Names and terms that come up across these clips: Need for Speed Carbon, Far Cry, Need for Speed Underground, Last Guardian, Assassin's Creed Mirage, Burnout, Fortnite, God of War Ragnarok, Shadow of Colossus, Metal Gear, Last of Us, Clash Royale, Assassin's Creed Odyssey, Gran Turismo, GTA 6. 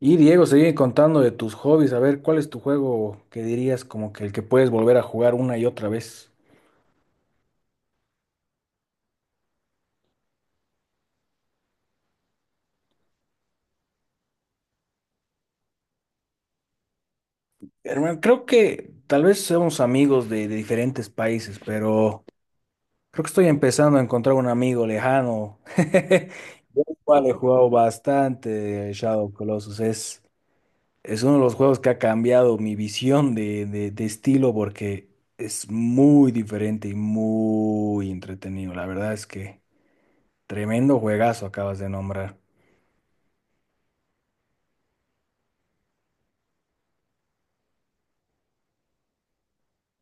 Y Diego, sigue contando de tus hobbies, a ver, ¿cuál es tu juego que dirías como que el que puedes volver a jugar una y otra vez? Hermano, creo que tal vez somos amigos de diferentes países, pero creo que estoy empezando a encontrar un amigo lejano. Yo igual he jugado bastante Shadow of Colossus, es uno de los juegos que ha cambiado mi visión de estilo porque es muy diferente y muy entretenido. La verdad es que tremendo juegazo acabas de nombrar.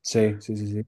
Sí, sí, sí, sí.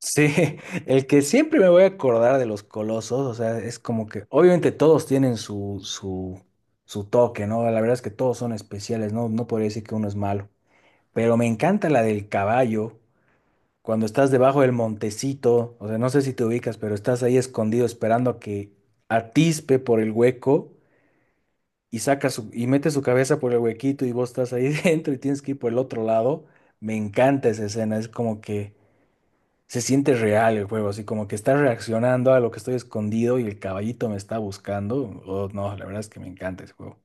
Sí, el que siempre me voy a acordar de los colosos, o sea, es como que obviamente todos tienen su toque, ¿no? La verdad es que todos son especiales, ¿no? No podría decir que uno es malo, pero me encanta la del caballo, cuando estás debajo del montecito, o sea, no sé si te ubicas, pero estás ahí escondido esperando a que atispe por el hueco y y mete su cabeza por el huequito y vos estás ahí dentro y tienes que ir por el otro lado. Me encanta esa escena, es como que se siente real el juego, así como que está reaccionando a lo que estoy escondido y el caballito me está buscando. Oh, no, la verdad es que me encanta ese juego.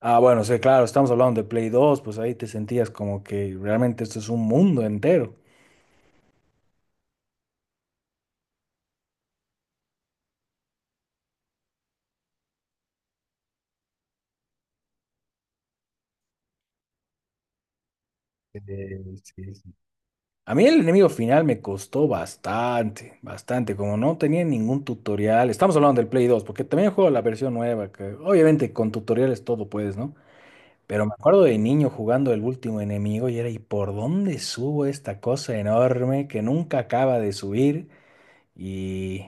Ah, bueno, sí, claro, estamos hablando de Play 2, pues ahí te sentías como que realmente esto es un mundo entero. Sí, sí. A mí el enemigo final me costó bastante, bastante, como no tenía ningún tutorial. Estamos hablando del Play 2 porque también juego la versión nueva, que obviamente con tutoriales todo puedes, ¿no? Pero me acuerdo de niño jugando el último enemigo y era, ¿y por dónde subo esta cosa enorme que nunca acaba de subir? Y...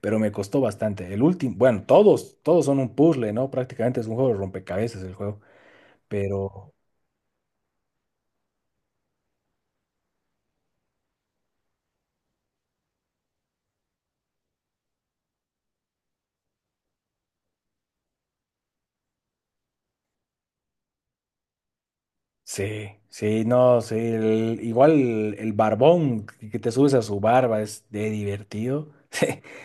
Pero me costó bastante. El último, bueno, todos son un puzzle, ¿no? Prácticamente es un juego de rompecabezas el juego. Pero sí, sí, no, sí. Igual el barbón que te subes a su barba es de divertido.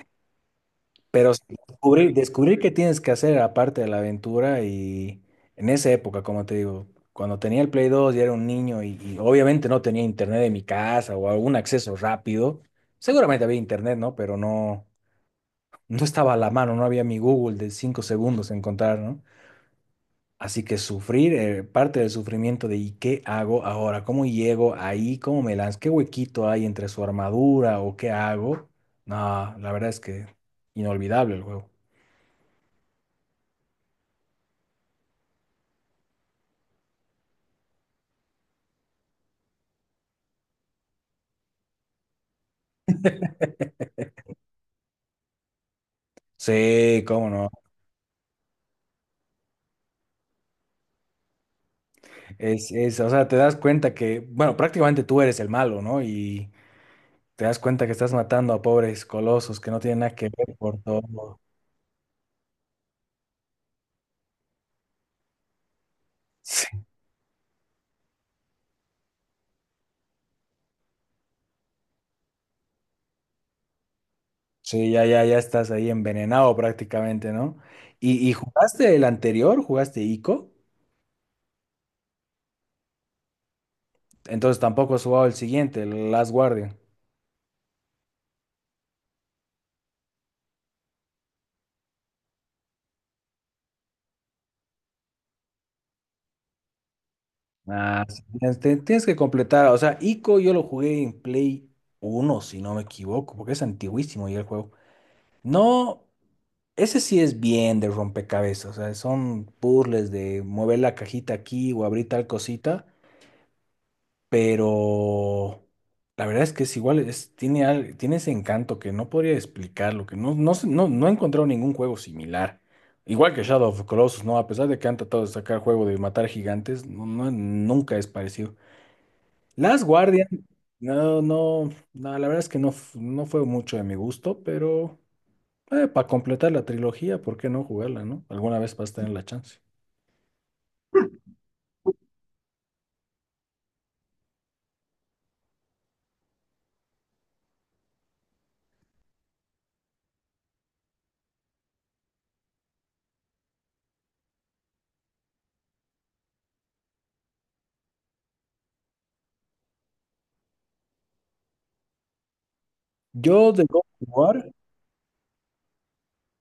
Pero sí, descubrir qué tienes que hacer aparte de la aventura y en esa época, como te digo, cuando tenía el Play 2 y era un niño y obviamente no tenía internet en mi casa o algún acceso rápido, seguramente había internet, ¿no? Pero no, no estaba a la mano, no había mi Google de 5 segundos en encontrar, ¿no? Así que sufrir, parte del sufrimiento de ¿y qué hago ahora? ¿Cómo llego ahí? ¿Cómo me lanzo? ¿Qué huequito hay entre su armadura o qué hago? No, la verdad es que inolvidable el juego. Sí, cómo no. Es, o sea, te das cuenta que, bueno, prácticamente tú eres el malo, ¿no? Y te das cuenta que estás matando a pobres colosos que no tienen nada que ver por todo. Sí, sí, ya, ya, ya estás ahí envenenado prácticamente, ¿no? ¿Y jugaste el anterior? ¿Jugaste Ico? Entonces tampoco has jugado el siguiente, el Last Guardian. Ah, sí, tienes que completar, o sea, Ico yo lo jugué en Play 1 si no me equivoco, porque es antiguísimo ya el juego. No, ese sí es bien de rompecabezas, o sea, son puzzles de mover la cajita aquí o abrir tal cosita, pero la verdad es que es igual, tiene ese encanto que no podría explicarlo, que no, no, no, no he encontrado ningún juego similar. Igual que Shadow of the Colossus, ¿no? A pesar de que han tratado de sacar juego de matar gigantes, no, nunca es parecido. Last Guardian, no, no, no, la verdad es que no, no fue mucho de mi gusto, pero para completar la trilogía, ¿por qué no jugarla, no? Alguna vez vas a tener la chance. Yo de God of War,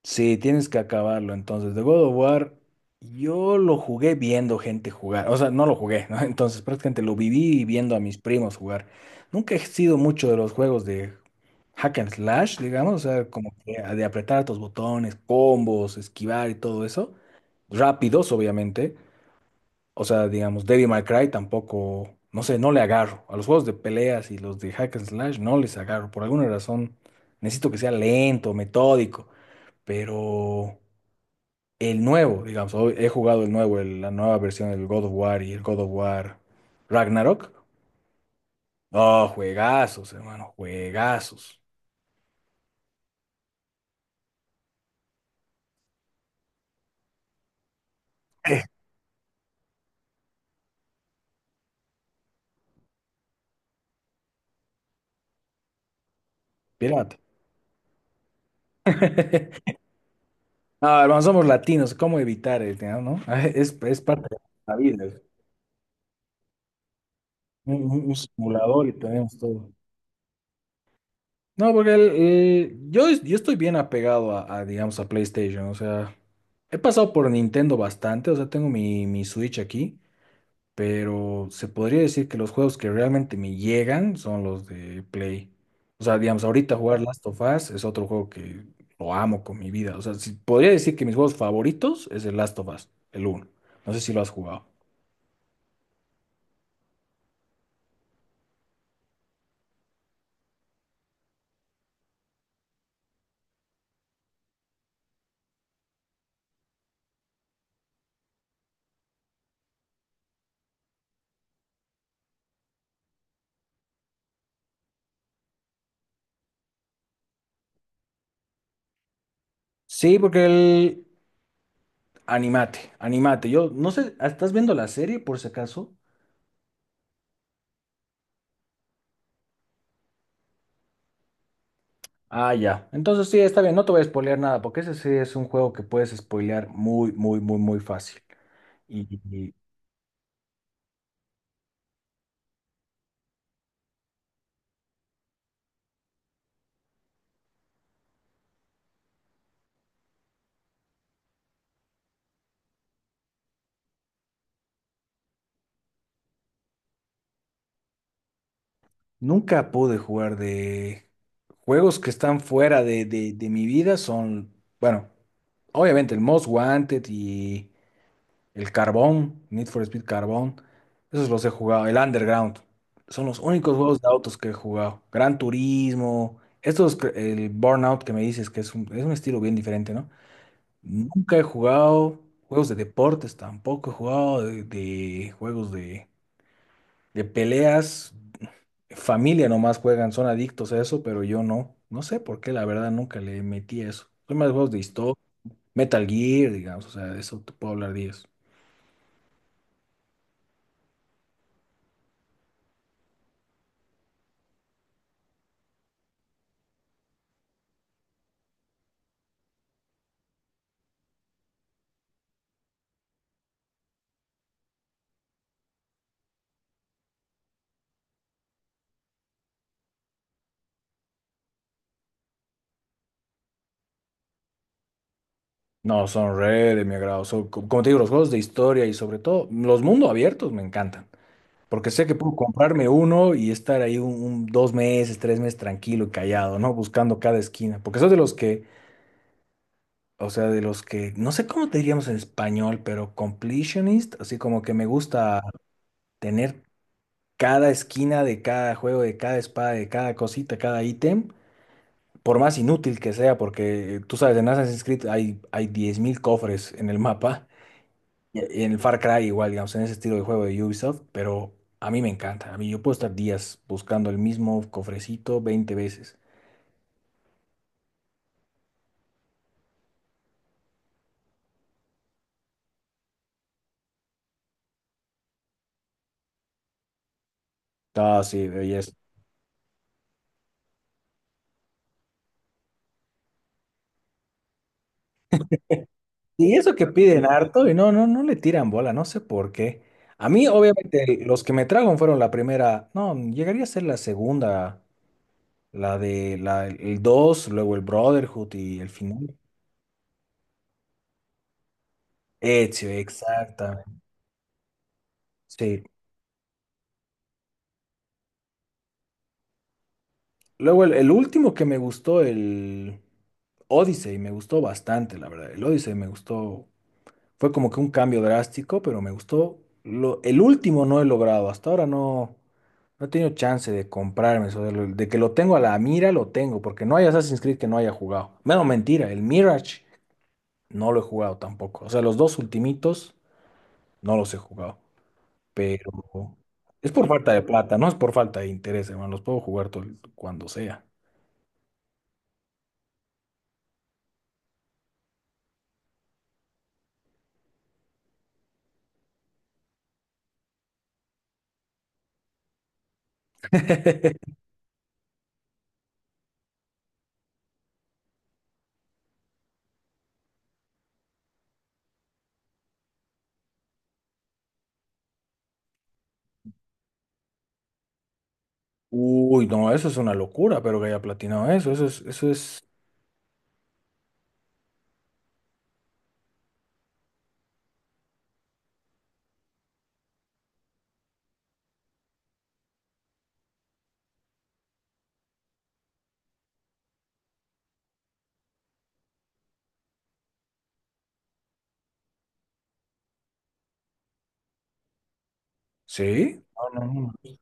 sí, tienes que acabarlo. Entonces, de God of War, yo lo jugué viendo gente jugar. O sea, no lo jugué, ¿no? Entonces, prácticamente lo viví viendo a mis primos jugar. Nunca he sido mucho de los juegos de hack and slash, digamos, o sea, como que de apretar tus botones, combos, esquivar y todo eso. Rápidos, obviamente. O sea, digamos, Devil May Cry tampoco, no sé, no le agarro. A los juegos de peleas y los de hack and slash no les agarro. Por alguna razón necesito que sea lento, metódico. Pero el nuevo, digamos, hoy he jugado el nuevo, la nueva versión del God of War y el God of War Ragnarok. Oh, juegazos, hermano, juegazos. Eh. Pirata. No, hermano, somos latinos, ¿cómo evitar el tema, no? Es parte de la vida. Un simulador y tenemos todo. No, porque yo estoy bien apegado a, digamos, a PlayStation. O sea, he pasado por Nintendo bastante. O sea, tengo mi Switch aquí. Pero se podría decir que los juegos que realmente me llegan son los de Play. O sea, digamos, ahorita jugar Last of Us es otro juego que lo amo con mi vida. O sea, sí, podría decir que mis juegos favoritos es el Last of Us, el uno. No sé si lo has jugado. Sí, Animate, animate. Yo no sé, ¿estás viendo la serie por si acaso? Ah, ya. Entonces sí, está bien, no te voy a spoilear nada, porque ese sí es un juego que puedes spoilear muy, muy, muy, muy fácil. Y nunca pude jugar de juegos que están fuera de mi vida, son, bueno, obviamente el Most Wanted y el Carbón, Need for Speed Carbón, esos los he jugado, el Underground, son los únicos juegos de autos que he jugado. Gran Turismo, estos, el Burnout que me dices que es un estilo bien diferente, ¿no? Nunca he jugado juegos de deportes, tampoco he jugado de juegos de peleas. Familia nomás juegan, son adictos a eso, pero yo no. No sé por qué, la verdad, nunca le metí a eso. Son más juegos de historia, Metal Gear, digamos, o sea, de eso te puedo hablar 10. No, son re de mi agrado. Como te digo, los juegos de historia y sobre todo los mundos abiertos me encantan. Porque sé que puedo comprarme uno y estar ahí un, 2 meses, 3 meses tranquilo y callado, ¿no? Buscando cada esquina. Porque soy de los que. O sea, de los que, no sé cómo te diríamos en español, pero completionist, así como que me gusta tener cada esquina de cada juego, de cada espada, de cada cosita, cada ítem, por más inútil que sea, porque tú sabes, en Assassin's Creed hay 10,000 cofres en el mapa, y en el Far Cry igual, digamos, en ese estilo de juego de Ubisoft, pero a mí me encanta, a mí yo puedo estar días buscando el mismo cofrecito 20 veces. Ah, sí, belleza. Y eso que piden harto y no, no, no le tiran bola, no sé por qué. A mí, obviamente, los que me tragan fueron la primera, no, llegaría a ser la segunda, el 2 luego el Brotherhood y el final. Ezio, exacta. Sí. Luego el último que me gustó, el Odyssey, me gustó bastante, la verdad. El Odyssey me gustó. Fue como que un cambio drástico, pero me gustó. El último no he logrado. Hasta ahora no, no he tenido chance de comprarme eso. De que lo tengo a la mira, lo tengo. Porque no hay Assassin's Creed que no haya jugado. Menos mentira, el Mirage no lo he jugado tampoco. O sea, los dos ultimitos no los he jugado. Pero es por falta de plata, no es por falta de interés, hermano. Los puedo jugar todo, cuando sea. Uy, no, eso es una locura, pero que haya platinado eso. Eso es, eso es. ¿Sí? No, no, no.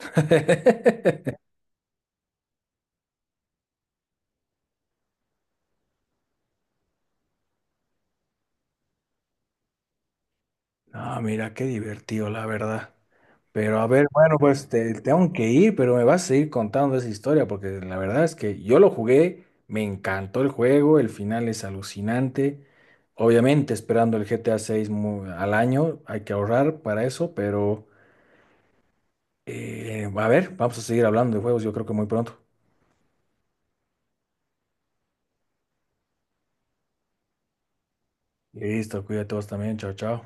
Ah, mira, qué divertido, la verdad. Pero a ver, bueno, pues tengo que ir, pero me vas a seguir contando esa historia, porque la verdad es que yo lo jugué, me encantó el juego, el final es alucinante. Obviamente, esperando el GTA 6 al año, hay que ahorrar para eso, pero a ver, vamos a seguir hablando de juegos, yo creo que muy pronto. Listo, cuídate todos también, chao, chao.